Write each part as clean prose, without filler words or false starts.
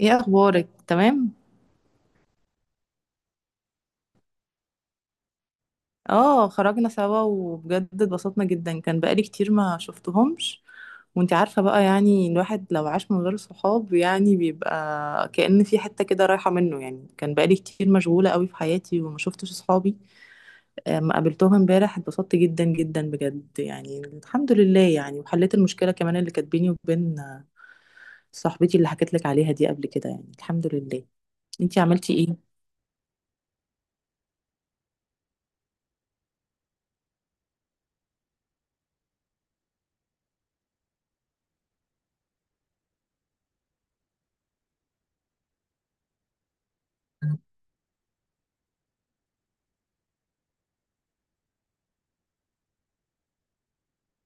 ايه اخبارك؟ تمام. اه، خرجنا سوا وبجد اتبسطنا جدا، كان بقالي كتير ما شفتهمش. وانت عارفة بقى، يعني الواحد لو عاش من غير صحاب يعني بيبقى كأن في حتة كده رايحة منه. يعني كان بقالي كتير مشغولة قوي في حياتي وما شفتش صحابي. ما قابلتهم امبارح، اتبسطت جدا جدا بجد، يعني الحمد لله. يعني وحليت المشكلة كمان اللي كانت بيني وبين صاحبتي اللي حكيت لك عليها دي قبل كده، يعني الحمد لله. انتي عملتي ايه؟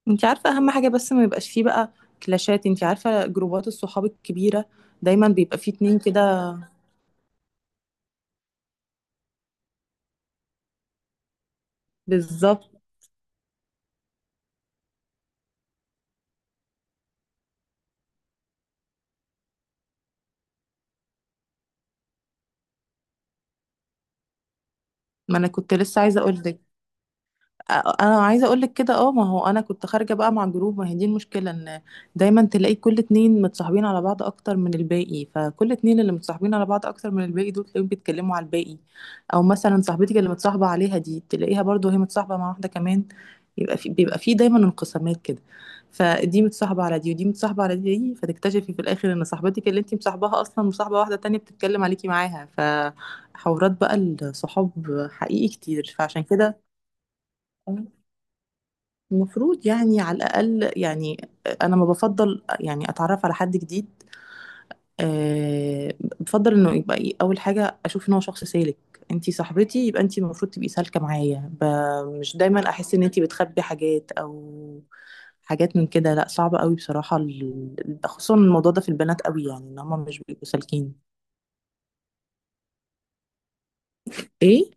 انت عارفة اهم حاجة، بس ما يبقاش فيه بقى كلاشات. انت عارفة جروبات الصحاب الكبيرة دايما بيبقى فيه اتنين كده. بالظبط. ما انا كنت لسه عايزة اقول. انا عايزه اقول لك كده، اه، ما هو انا كنت خارجه بقى مع جروب. ما هي دي المشكله، ان دايما تلاقي كل اتنين متصاحبين على بعض اكتر من الباقي، فكل اتنين اللي متصاحبين على بعض اكتر من الباقي دول تلاقيهم بيتكلموا على الباقي. او مثلا صاحبتك اللي متصاحبه عليها دي تلاقيها برضو هي متصاحبه مع واحده كمان. يبقى في بيبقى في دايما انقسامات كده، فدي متصاحبه على دي ودي متصاحبه على دي، فتكتشفي في الاخر ان صاحبتك اللي انت مصاحباها اصلا مصاحبه واحده تانية بتتكلم عليكي معاها، فحوارات بقى الصحاب حقيقي كتير، فعشان كده المفروض يعني على الأقل، يعني أنا ما بفضل يعني أتعرف على حد جديد. أه بفضل إنه يبقى إيه، أول حاجة أشوف إن هو شخص سالك. أنتي صاحبتي، يبقى أنتي المفروض تبقي سالكة معايا، مش دايما أحس إن أنتي بتخبي حاجات أو حاجات من كده. لا، صعب قوي بصراحة، خصوصا الموضوع ده في البنات قوي يعني، إن هما مش بيبقوا سالكين. إيه؟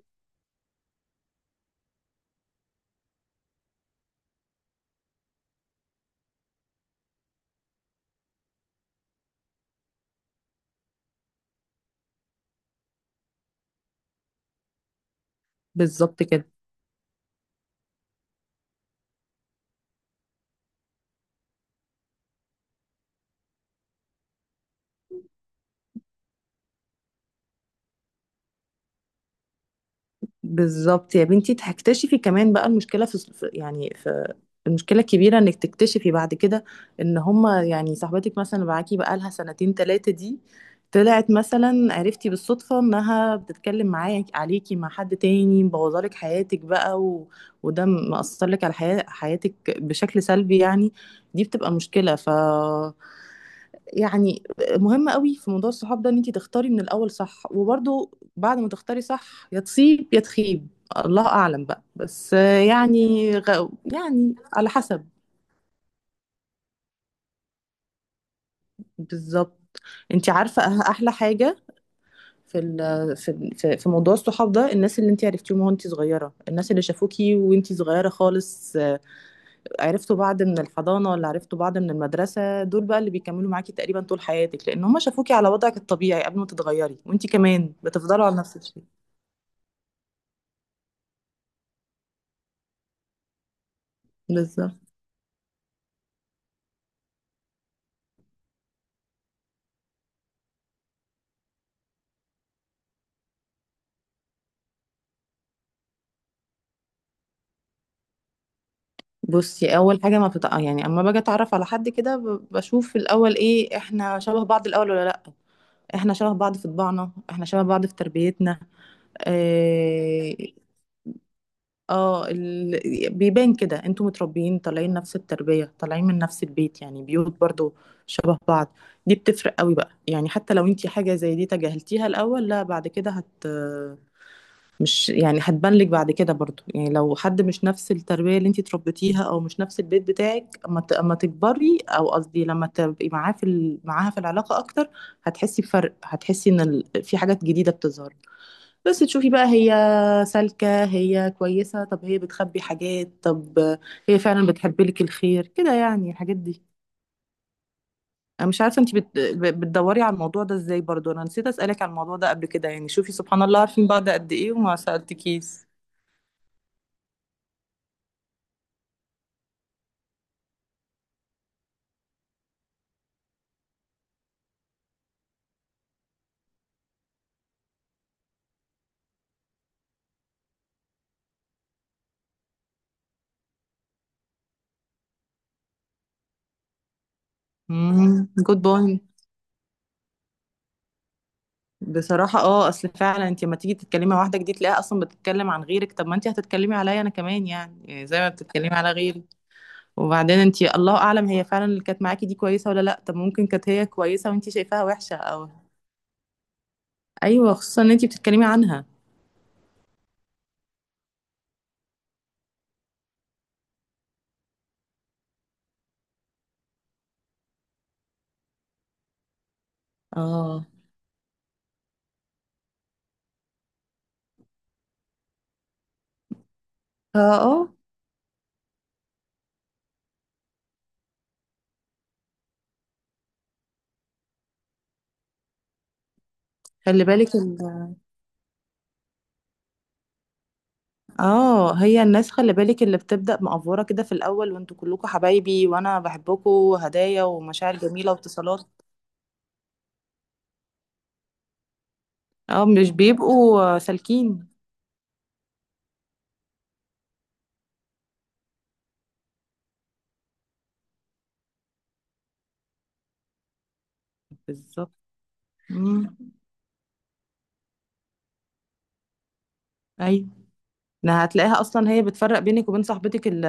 بالظبط كده. بالظبط يا بنتي، هتكتشفي كمان بقى المشكله في يعني في المشكله الكبيره انك تكتشفي بعد كده ان هما يعني صاحبتك مثلا اللي معاكي بقى لها سنتين ثلاثه دي طلعت مثلا عرفتي بالصدفه انها بتتكلم معاك عليكي مع حد تاني مبوظالك حياتك بقى. وده مأثر لك على حياتك بشكل سلبي يعني. دي بتبقى مشكله، يعني مهم قوي في موضوع الصحاب ده ان انت تختاري من الاول صح، وبرضه بعد ما تختاري صح يا تصيب يا تخيب. الله اعلم بقى، بس يعني يعني على حسب. بالظبط. انت عارفه احلى حاجه في ال... في ال- في في موضوع الصحاب ده، الناس اللي انت عرفتيهم وانت صغيره، الناس اللي شافوكي وانت صغيره خالص، عرفتوا بعض من الحضانه ولا عرفتوا بعض من المدرسه، دول بقى اللي بيكملوا معاكي تقريبا طول حياتك لان هم شافوكي على وضعك الطبيعي قبل ما تتغيري، وانت كمان بتفضلوا على نفس الشيء. بالظبط. بصي اول حاجه ما بتتع... يعني اما باجي اتعرف على حد كده بشوف في الاول ايه، احنا شبه بعض الاول ولا لا. احنا شبه بعض في طباعنا، احنا شبه بعض في تربيتنا، اه. بيبان كده انتوا متربيين طالعين نفس التربيه، طالعين من نفس البيت، يعني بيوت برضو شبه بعض. دي بتفرق قوي بقى يعني، حتى لو انتي حاجه زي دي تجاهلتيها الاول، لا بعد كده مش يعني هتبان لك بعد كده برضو يعني. لو حد مش نفس التربية اللي انتي اتربيتيها او مش نفس البيت بتاعك، اما اما تكبري، او قصدي لما تبقي معاه معاها في العلاقة اكتر، هتحسي بفرق، هتحسي ان في حاجات جديدة بتظهر. بس تشوفي بقى هي سالكة، هي كويسة، طب هي بتخبي حاجات، طب هي فعلا بتحب لك الخير كده يعني، الحاجات دي. انا مش عارفة انتي بتدوري على الموضوع ده ازاي برضو، انا نسيت اسألك على الموضوع ده قبل كده يعني. شوفي سبحان الله، عارفين بعض قد ايه وما سألتكيش. جود بوينت. بصراحة اصل فعلا انت لما تيجي تتكلمي مع واحدة جديد تلاقيها اصلا بتتكلم عن غيرك، طب ما انت هتتكلمي عليا انا كمان يعني زي ما بتتكلمي على غيري. وبعدين انت الله اعلم هي فعلا اللي كانت معاكي دي كويسة ولا لا، طب ممكن كانت هي كويسة وانت شايفاها وحشة او. ايوه، خصوصا ان انت بتتكلمي عنها. اه، اه، آه. خلي بالك اه هي الناس، خلي بالك اللي بتبدأ مقفورة كده في الاول، وانتوا كلكم حبايبي وانا بحبكم وهدايا ومشاعر جميلة واتصالات. اه، مش بيبقوا سالكين. بالظبط. مم. ايوه. إنها هتلاقيها اصلا هي بتفرق بينك وبين صاحبتك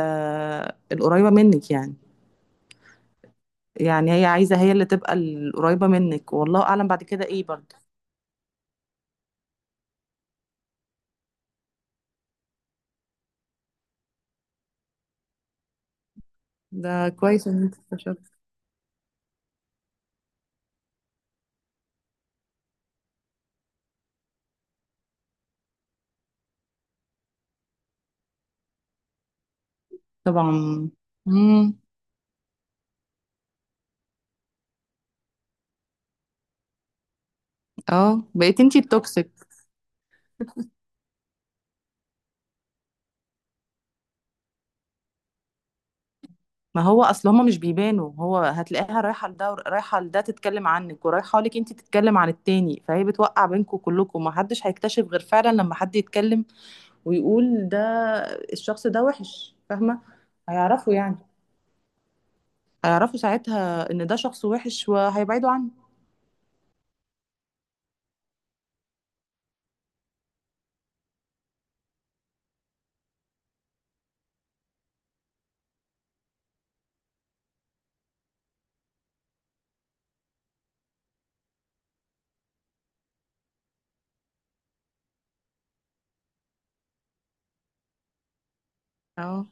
القريبه منك يعني. يعني هي عايزه هي اللي تبقى القريبه منك، والله اعلم بعد كده ايه برضه. ده كويس ان انت استشرت. طبعا. امم. اه، بقيت انتي التوكسيك. ما هو اصل هما مش بيبانوا، هو هتلاقيها رايحه لده، رايحه لده تتكلم عنك، ورايحه لك انتي تتكلم عن التاني، فهي بتوقع بينكم كلكم، ما حدش هيكتشف غير فعلا لما حد يتكلم ويقول ده الشخص ده وحش، فاهمة؟ هيعرفوا يعني. هيعرفوا ساعتها ان ده شخص وحش وهيبعدوا عنه. اه.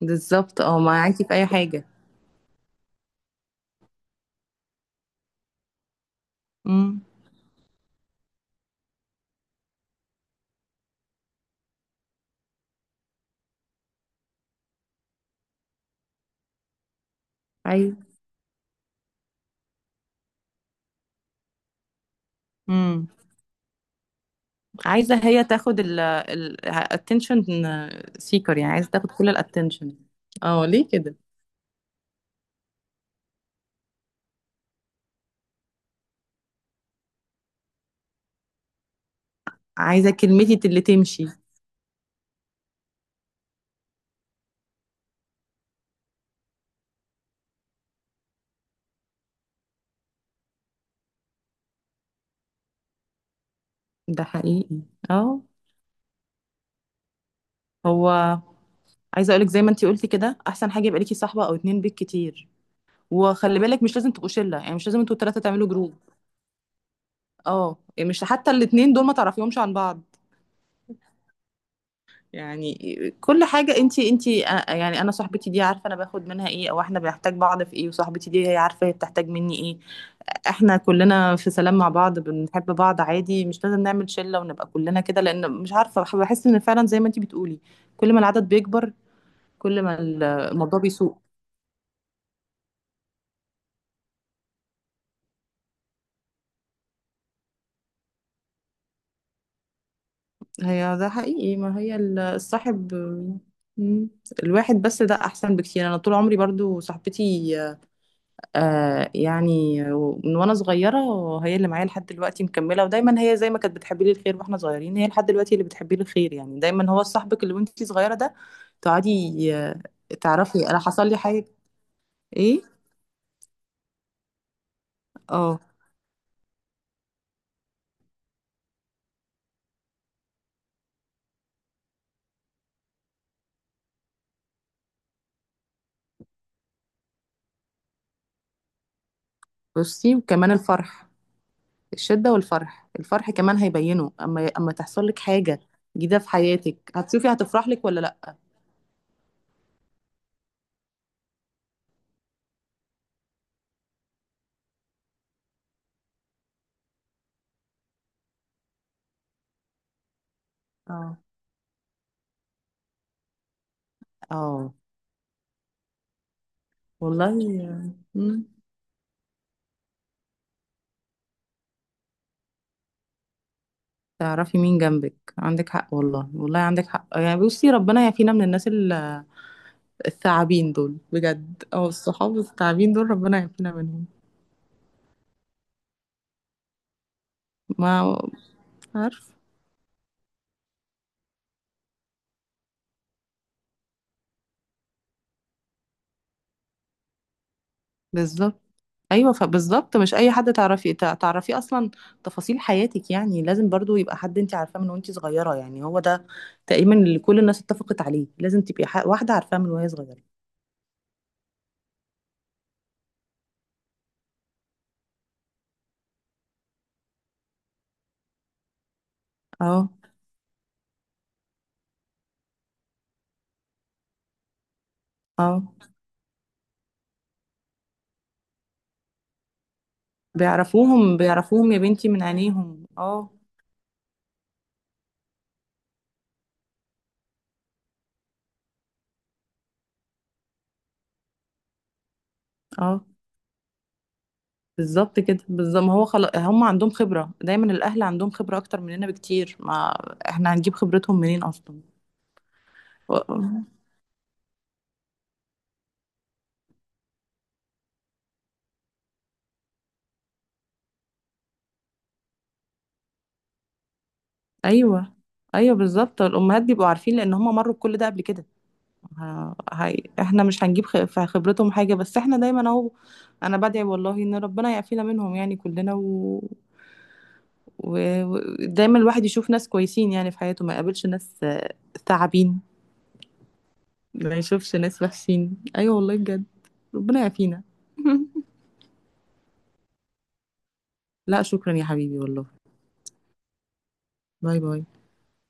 بالظبط. اه، معاكي في اي حاجة. امم. ايوه. امم. عايزة هي تاخد ال attention seeker يعني، عايزة تاخد كل ال attention. اه، ليه كده؟ عايزة كلمتي اللي تمشي. ده حقيقي. اه. هو عايزة اقولك زي ما انتي قلتي كده، احسن حاجة يبقى ليكي صاحبة او اتنين بيك كتير. وخلي بالك مش لازم تبقوا شلة يعني، مش لازم انتوا التلاتة تعملوا جروب. اه، يعني مش حتى الاتنين دول ما تعرفيهمش عن بعض يعني. كل حاجة، انتي يعني انا صاحبتي دي عارفة انا باخد منها ايه، او احنا بنحتاج بعض في ايه، وصاحبتي دي هي عارفة هي بتحتاج مني ايه. احنا كلنا في سلام مع بعض بنحب بعض عادي، مش لازم نعمل شلة ونبقى كلنا كده، لان مش عارفة، بحس ان فعلا زي ما انتي بتقولي، كل ما العدد بيكبر، كل ما الموضوع بيسوء. هي ده حقيقي، ما هي الصاحب. مم. الواحد بس ده احسن بكتير. انا طول عمري برضو صاحبتي، يعني من وانا صغيره، هي اللي معايا لحد دلوقتي مكمله، ودايما هي زي ما كانت بتحبي لي الخير واحنا صغيرين هي لحد دلوقتي اللي بتحبي لي الخير. يعني دايما هو صاحبك اللي وانتي صغيره ده، تقعدي. تعرفي انا حصل لي حاجه. ايه؟ اه. بصي وكمان الفرح، الشده والفرح، الفرح كمان هيبينه اما اما تحصل لك حاجه جديده في حياتك، هتشوفي هتفرح لك ولا لا. اه، اه، والله. آه، مم. تعرفي مين جنبك، عندك حق والله، والله عندك حق يعني. بصي ربنا يعافينا من الناس الثعابين دول بجد، او الصحاب الثعابين دول ربنا يعافينا منهم. ما عارف. بالظبط. ايوه، فبالظبط مش اي حد تعرفي تعرفيه اصلا تفاصيل حياتك، يعني لازم برضو يبقى حد انت عارفاه من وانت صغيره، يعني هو ده تقريبا اللي كل الناس اتفقت عليه، لازم تبقي واحده عارفاه من وهي صغيره. اه. اه، بيعرفوهم بيعرفوهم يا بنتي من عينيهم، اه. اه، بالظبط كده، بالظبط. ما هو خلاص هم عندهم خبرة، دايما الأهل عندهم خبرة أكتر مننا بكتير، ما احنا هنجيب خبرتهم منين أصلا؟ و... أيوه، أيوه، بالظبط، الأمهات بيبقوا عارفين لأن هم مروا بكل ده قبل كده. احنا مش هنجيب في خبرتهم حاجة، بس احنا دايما أهو. أنا بدعي والله إن ربنا يعافينا منهم يعني كلنا، و... دايما الواحد يشوف ناس كويسين يعني في حياته، ما يقابلش ناس ثعابين، ما يشوفش ناس وحشين. ايوه والله بجد، ربنا يعافينا. لا، شكرا يا حبيبي والله. باي باي.